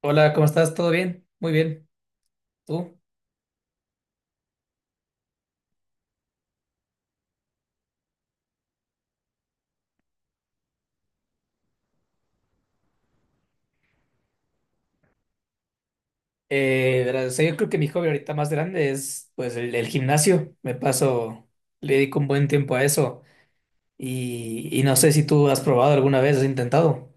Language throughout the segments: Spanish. Hola, ¿cómo estás? ¿Todo bien? Muy bien. ¿Tú? Verás, o sea, yo creo que mi hobby ahorita más grande es pues el gimnasio. Le dedico un buen tiempo a eso. Y no sé si tú has probado alguna vez, has intentado.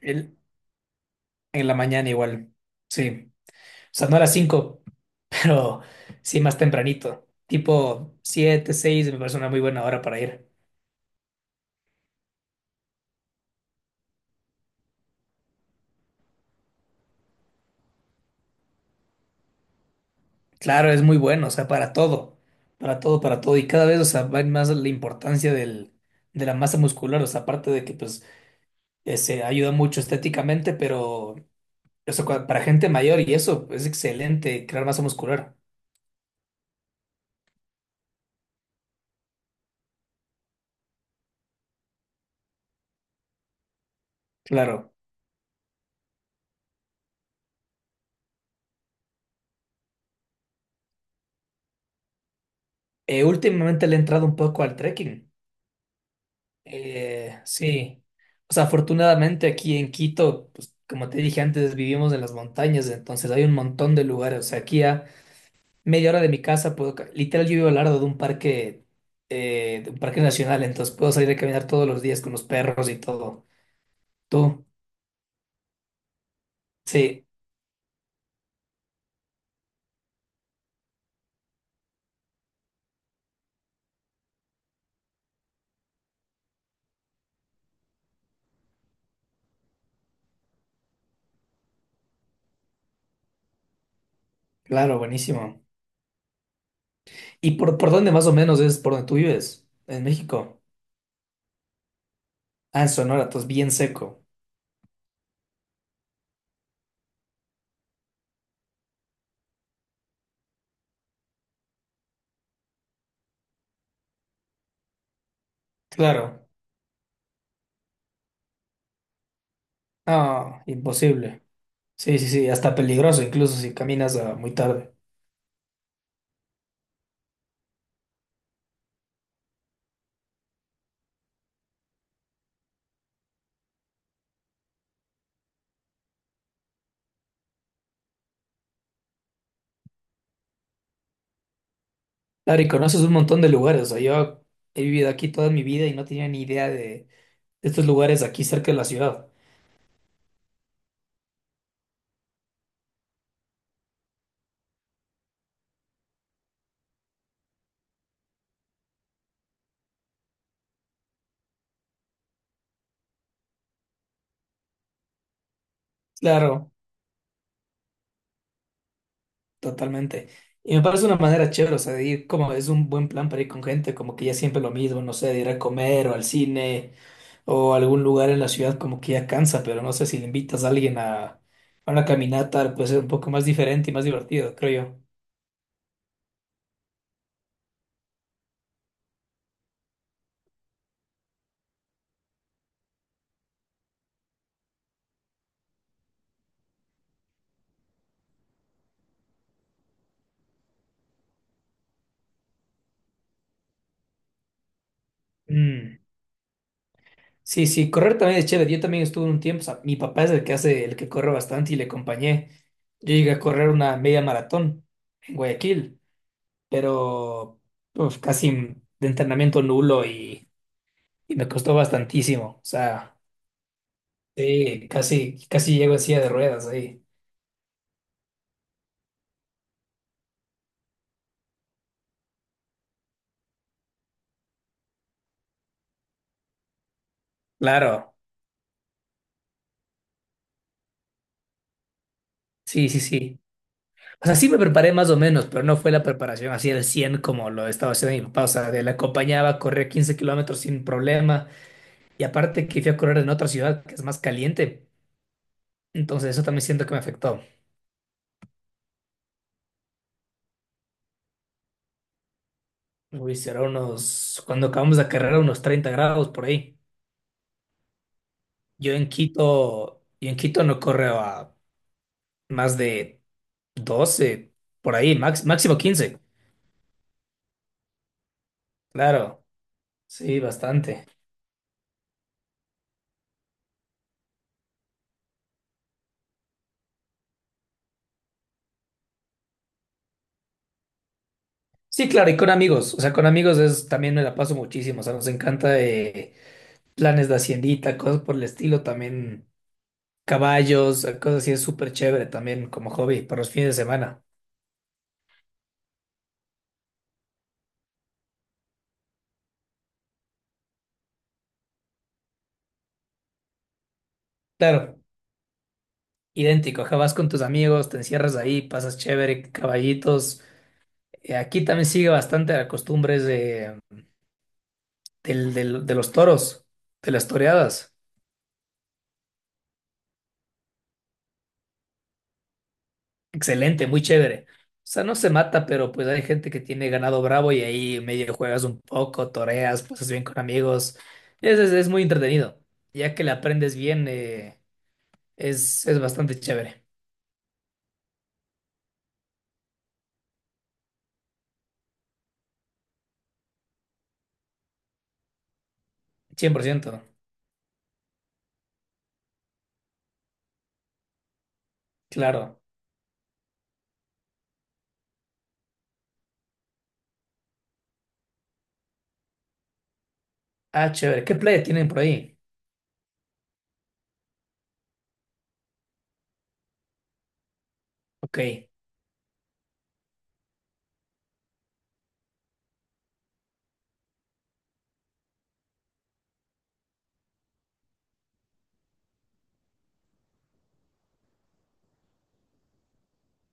El- en la mañana igual. Sí. O sea, no a las 5, pero sí más tempranito. Tipo 7, 6 me parece una muy buena hora para ir. Claro, es muy bueno, o sea, para todo. Para todo, para todo. Y cada vez, o sea, va en más la importancia del de la masa muscular, o sea, aparte de que pues se ayuda mucho estéticamente, pero eso para gente mayor y eso es excelente, crear masa muscular. Claro. Últimamente le he entrado un poco al trekking. Sí. O sea, afortunadamente aquí en Quito, pues, como te dije antes, vivimos en las montañas, entonces hay un montón de lugares. O sea, aquí a media hora de mi casa literal, yo vivo al lado de un parque nacional, entonces puedo salir a caminar todos los días con los perros y todo. Tú, sí, claro, buenísimo. ¿Y por dónde más o menos es por donde tú vives? En México. Ah, en Sonora, entonces bien seco. Claro. Ah, imposible. Sí, sí, sí, hasta peligroso incluso si caminas muy tarde. Claro, y conoces un montón de lugares. O sea, yo he vivido aquí toda mi vida y no tenía ni idea de estos lugares aquí cerca de la ciudad. Claro, totalmente. Y me parece una manera chévere, o sea, de ir como es un buen plan para ir con gente, como que ya siempre lo mismo, no sé, de ir a comer o al cine o algún lugar en la ciudad como que ya cansa, pero no sé si le invitas a alguien a una caminata, puede ser un poco más diferente y más divertido, creo yo. Mm. Sí, sí, correr también es chévere. Yo también estuve un tiempo, o sea, mi papá es el que corre bastante y le acompañé. Yo llegué a correr una media maratón en Guayaquil, pero uf, casi de entrenamiento nulo y me costó bastantísimo. O sea, sí, casi, casi llego en silla de ruedas ahí. Claro, sí, sí, sí. O sea, sí me preparé más o menos, pero no fue la preparación así al 100 como lo estaba haciendo mi papá. O sea, de la acompañaba, corría 15 kilómetros sin problema. Y aparte que fui a correr en otra ciudad que es más caliente. Entonces eso también siento que me afectó. Uy, será unos, cuando acabamos la carrera, unos 30 grados por ahí. Yo en Quito no corro a más de 12 por ahí, máximo 15. Claro, sí, bastante. Sí, claro, y con amigos. O sea, con amigos es, también me la paso muchísimo. O sea, nos encanta, planes de haciendita, cosas por el estilo, también caballos, cosas así, es súper chévere también como hobby para los fines de semana. Claro, idéntico, ajá, vas con tus amigos, te encierras ahí, pasas chévere, caballitos. Aquí también sigue bastante la costumbre de, de los toros, de las toreadas. Excelente, muy chévere. O sea, no se mata, pero pues hay gente que tiene ganado bravo y ahí medio juegas un poco, toreas, pasas bien con amigos. Es muy entretenido. Ya que le aprendes bien, es bastante chévere. 100%. Claro. Ah, chévere. ¿Qué playa tienen por ahí? Ok.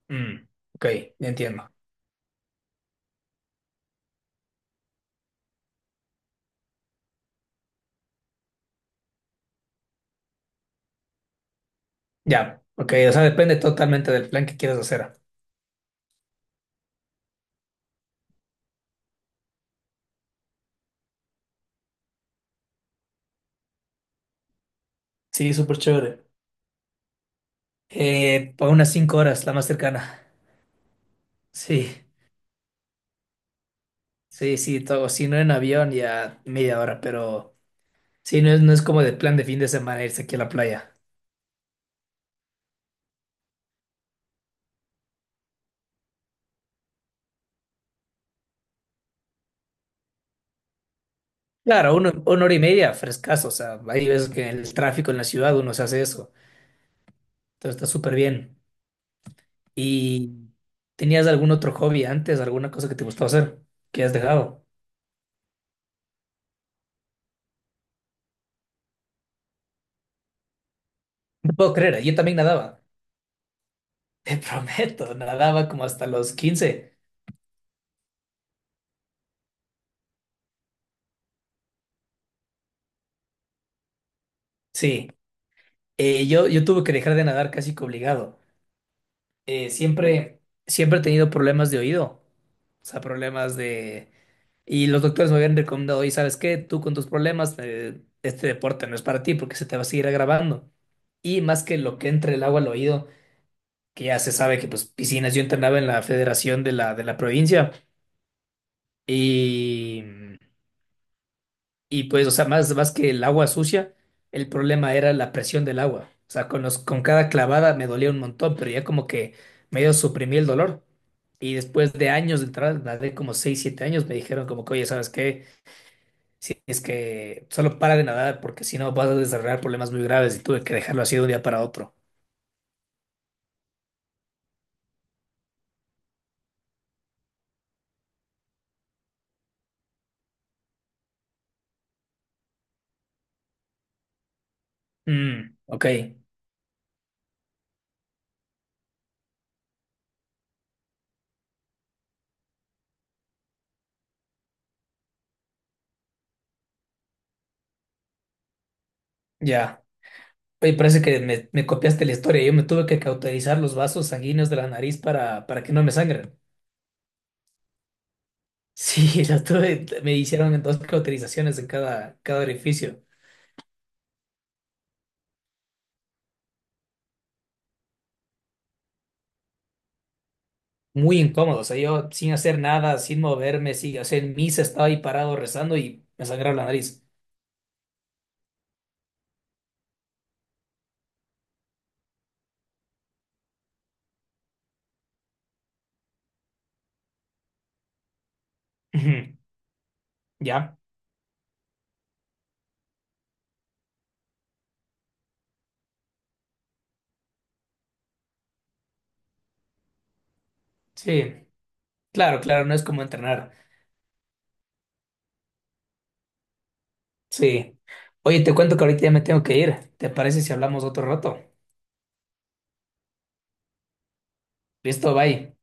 Mm, ok, ya entiendo. Ya. Ok, o sea, depende totalmente del plan que quieras hacer. Sí, súper chévere. Para unas 5 horas, la más cercana. Sí, sí, sí, todo. Si no en avión, ya media hora, pero sí, no es como de plan de fin de semana irse aquí a la playa. Claro, una hora y media, frescazo. O sea, hay veces que en el tráfico en la ciudad uno se hace eso. Entonces está súper bien. ¿Y tenías algún otro hobby antes, alguna cosa que te gustaba hacer que has dejado? No puedo creer, ¿eh? Yo también nadaba, te prometo, nadaba como hasta los 15. Sí, Yo tuve que dejar de nadar casi que obligado. Siempre, siempre he tenido problemas de oído, o sea, problemas de... Y los doctores me habían recomendado, y sabes qué, tú con tus problemas, este deporte no es para ti porque se te va a seguir agravando. Y más que lo que entre el agua al oído. Que ya se sabe que pues piscinas, yo entrenaba en la federación de la provincia y, y pues, o sea, más, más que el agua sucia, el problema era la presión del agua. O sea, con cada clavada me dolía un montón, pero ya como que medio suprimí el dolor. Y después de años de entrar, nadé como 6 7 años, me dijeron como que, oye, ¿sabes qué? Si es que solo para de nadar porque si no vas a desarrollar problemas muy graves y tuve que dejarlo así de un día para otro. Mm, ok, ya. Oye, parece que me copiaste la historia. Yo me tuve que cauterizar los vasos sanguíneos de la nariz para que no me sangren. Sí, la tuve, me hicieron dos cauterizaciones en cada orificio. Muy incómodo. O sea, yo sin hacer nada, sin moverme, sí, o sea, en misa estaba ahí parado rezando y me sangraba la nariz. Ujú. ¿Ya? Sí. Claro, claro, no es como entrenar. Sí. Oye, te cuento que ahorita ya me tengo que ir. ¿Te parece si hablamos otro rato? Listo, bye.